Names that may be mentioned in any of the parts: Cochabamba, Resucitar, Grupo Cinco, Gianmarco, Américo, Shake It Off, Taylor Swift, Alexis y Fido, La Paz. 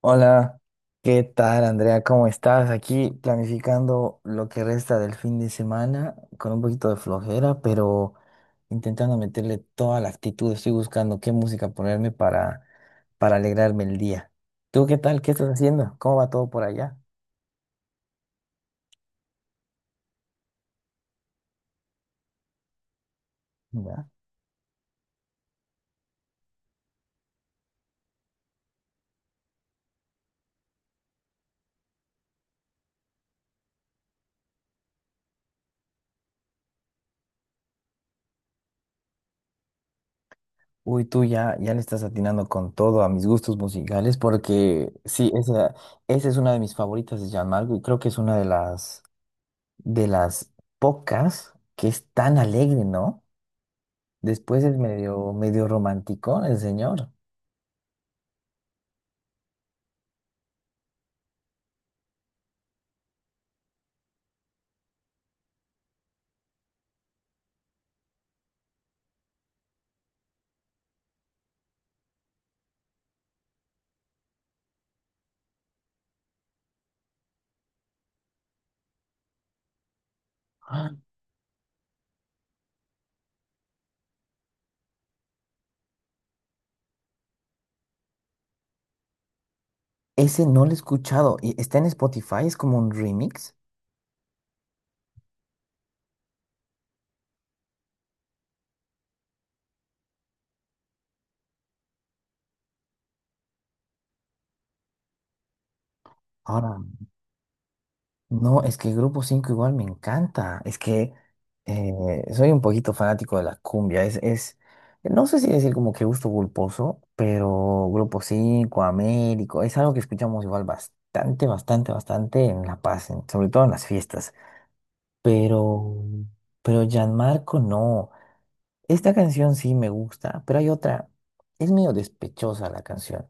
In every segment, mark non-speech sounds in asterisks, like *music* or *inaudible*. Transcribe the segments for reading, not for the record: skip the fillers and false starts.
Hola, ¿qué tal Andrea? ¿Cómo estás? Aquí planificando lo que resta del fin de semana con un poquito de flojera, pero intentando meterle toda la actitud. Estoy buscando qué música ponerme para alegrarme el día. ¿Tú qué tal? ¿Qué estás haciendo? ¿Cómo va todo por allá? Ya. Uy, tú ya, ya le estás atinando con todo a mis gustos musicales porque sí, esa es una de mis favoritas de Gianmarco y creo que es una de las pocas que es tan alegre, ¿no? Después es medio romántico el señor. Ah. Ese no lo he escuchado. Y está en Spotify, es como un remix. Ahora, no, es que Grupo 5 igual me encanta. Es que soy un poquito fanático de la cumbia. No sé si decir como que gusto culposo, pero Grupo 5 Américo, es algo que escuchamos igual bastante, bastante, bastante en La Paz, en sobre todo en las fiestas. Pero, pero Gianmarco no. Esta canción sí me gusta, pero hay otra. Es medio despechosa la canción,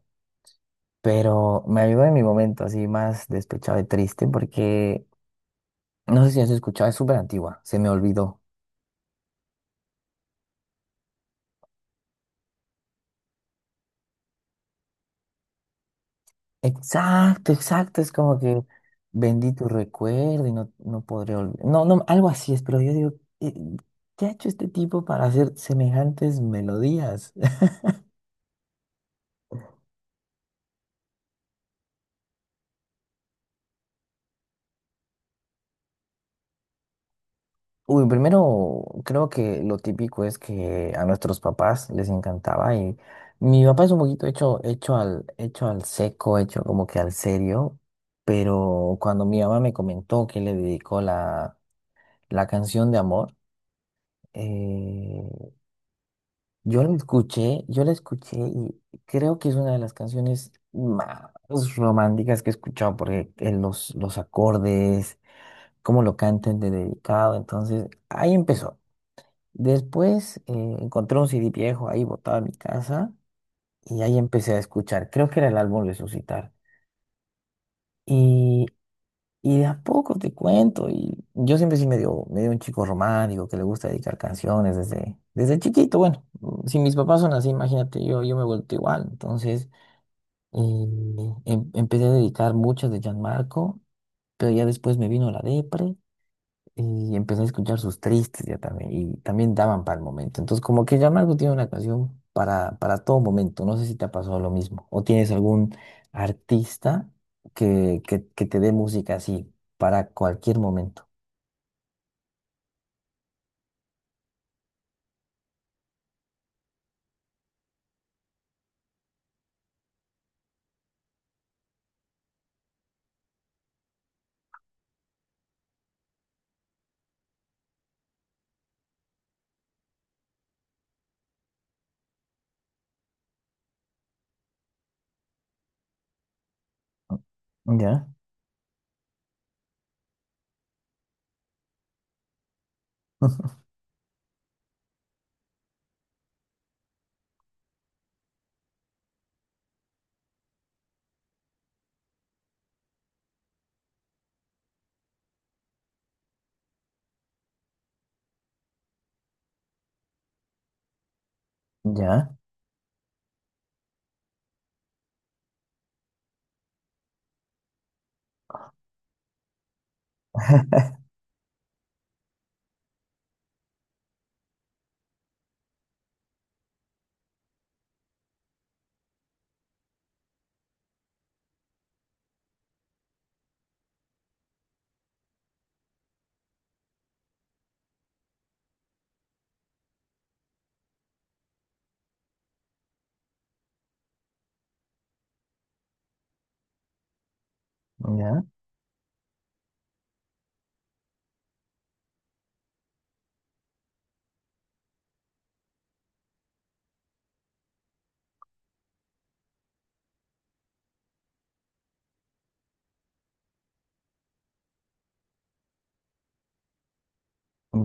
pero me ayudó en mi momento así más despechado y triste porque no sé si has escuchado, es súper antigua, se me olvidó. Exacto, exacto, es como que vendí tu recuerdo y no, no podré olvidar. No, no, algo así es, pero yo digo, eh, ¿qué ha hecho este tipo para hacer semejantes melodías? Uy, primero creo que lo típico es que a nuestros papás les encantaba y mi papá es un poquito hecho al seco, hecho como que al serio, pero cuando mi mamá me comentó que le dedicó la canción de amor, eh, yo la escuché y creo que es una de las canciones más románticas que he escuchado porque los acordes, cómo lo cantan de dedicado, entonces ahí empezó. Después encontré un CD viejo ahí botado en mi casa y ahí empecé a escuchar. Creo que era el álbum Resucitar. Y, y de a poco te cuento. Y yo siempre sí medio un chico romántico que le gusta dedicar canciones desde chiquito. Bueno, si mis papás son así, imagínate, yo me he vuelto igual. Entonces empecé a dedicar muchas de Marco, pero ya después me vino la depre. Y empecé a escuchar sus tristes ya también, y también daban para el momento. Entonces, como que ya Marco tiene una canción para todo momento. No sé si te ha pasado lo mismo. O tienes algún artista que te dé música así para cualquier momento. Ya, *laughs* ya, ya,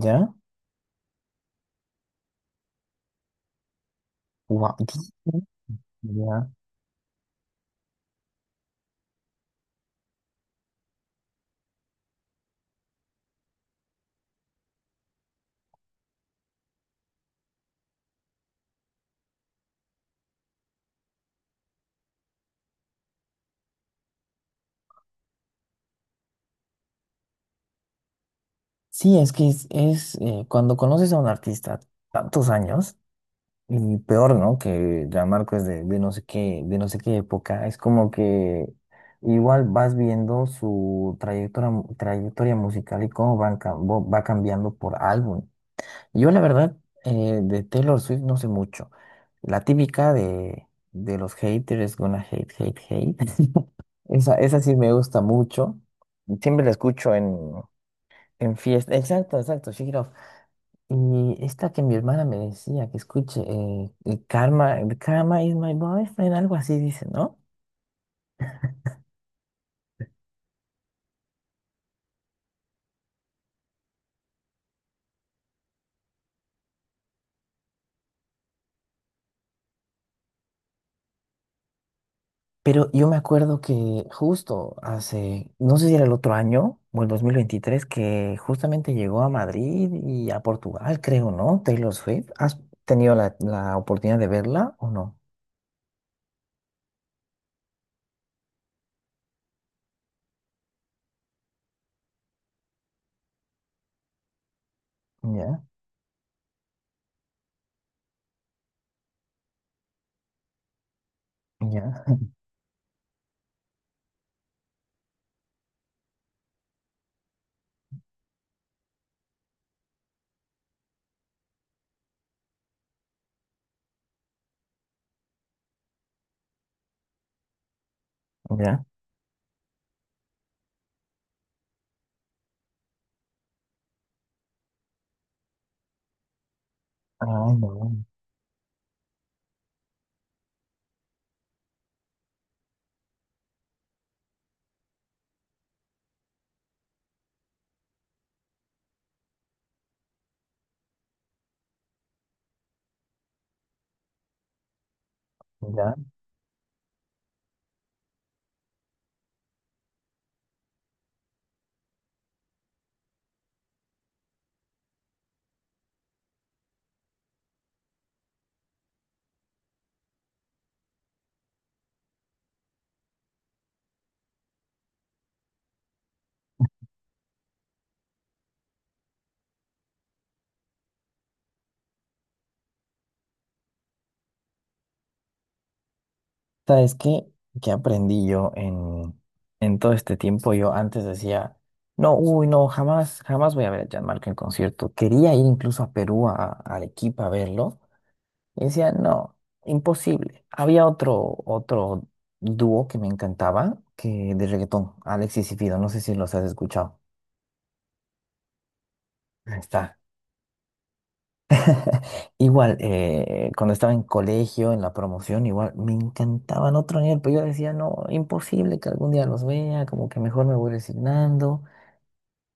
ya. Guau, ya. Sí, es que cuando conoces a un artista tantos años. Y peor, ¿no? Que ya Marco es de no sé qué, de no sé qué época. Es como que igual vas viendo su trayectoria, mu- trayectoria musical y cómo va cambiando por álbum. Yo la verdad, de Taylor Swift no sé mucho. La típica de los haters, gonna hate, hate, hate. *laughs* Esa sí me gusta mucho. Siempre la escucho en fiesta. Exacto, exacto, Shake It Off. Y esta que mi hermana me decía que escuche, el karma is my boyfriend, algo así dice, ¿no? Pero yo me acuerdo que justo hace, no sé si era el otro año o el 2023, que justamente llegó a Madrid y a Portugal, creo, ¿no? Taylor Swift. ¿Has tenido la oportunidad de verla o no? Ya, ya, *laughs* ya. Ay, no. Ya. ¿Sabes qué? ¿Qué aprendí yo en todo este tiempo? Yo antes decía, no, uy, no, jamás, jamás voy a ver a Gianmarco en concierto. Quería ir incluso a Perú, a Arequipa a verlo. Y decía, no, imposible. Había otro dúo que me encantaba, que de reggaetón, Alexis y Fido. No sé si los has escuchado. Ahí está. Igual, cuando estaba en colegio, en la promoción, igual me encantaban otro nivel, pero yo decía, no, imposible que algún día los vea, como que mejor me voy resignando.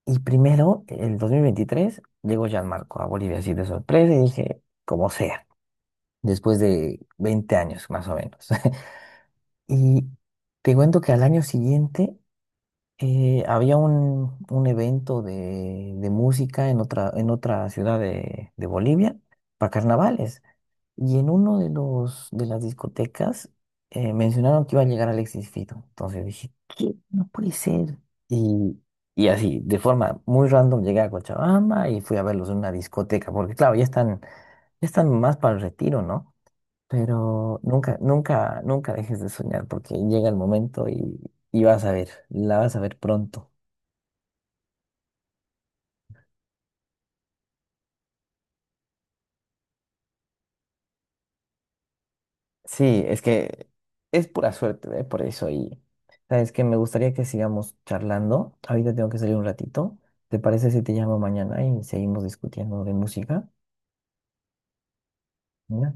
Y primero, el 2023, llegó Gianmarco a Bolivia así de sorpresa y dije, como sea, después de 20 años más o menos. *laughs* Y te cuento que al año siguiente había un, evento de música en otra ciudad de Bolivia para carnavales. Y en uno de las discotecas mencionaron que iba a llegar Alexis Fito. Entonces dije, ¿qué? No puede ser. Y, y así, de forma muy random, llegué a Cochabamba y fui a verlos en una discoteca, porque claro, ya están más para el retiro, ¿no? Pero nunca, nunca, nunca dejes de soñar, porque llega el momento y vas a ver, la vas a ver pronto. Sí, es que es pura suerte, ¿eh? Por eso. Y sabes que me gustaría que sigamos charlando. Ahorita tengo que salir un ratito. ¿Te parece si te llamo mañana y seguimos discutiendo de música? ¿Ya?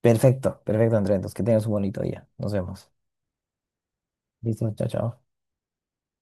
Perfecto, perfecto, Andrés. Entonces, que tengas un bonito día. Nos vemos. Listo, chao, chao.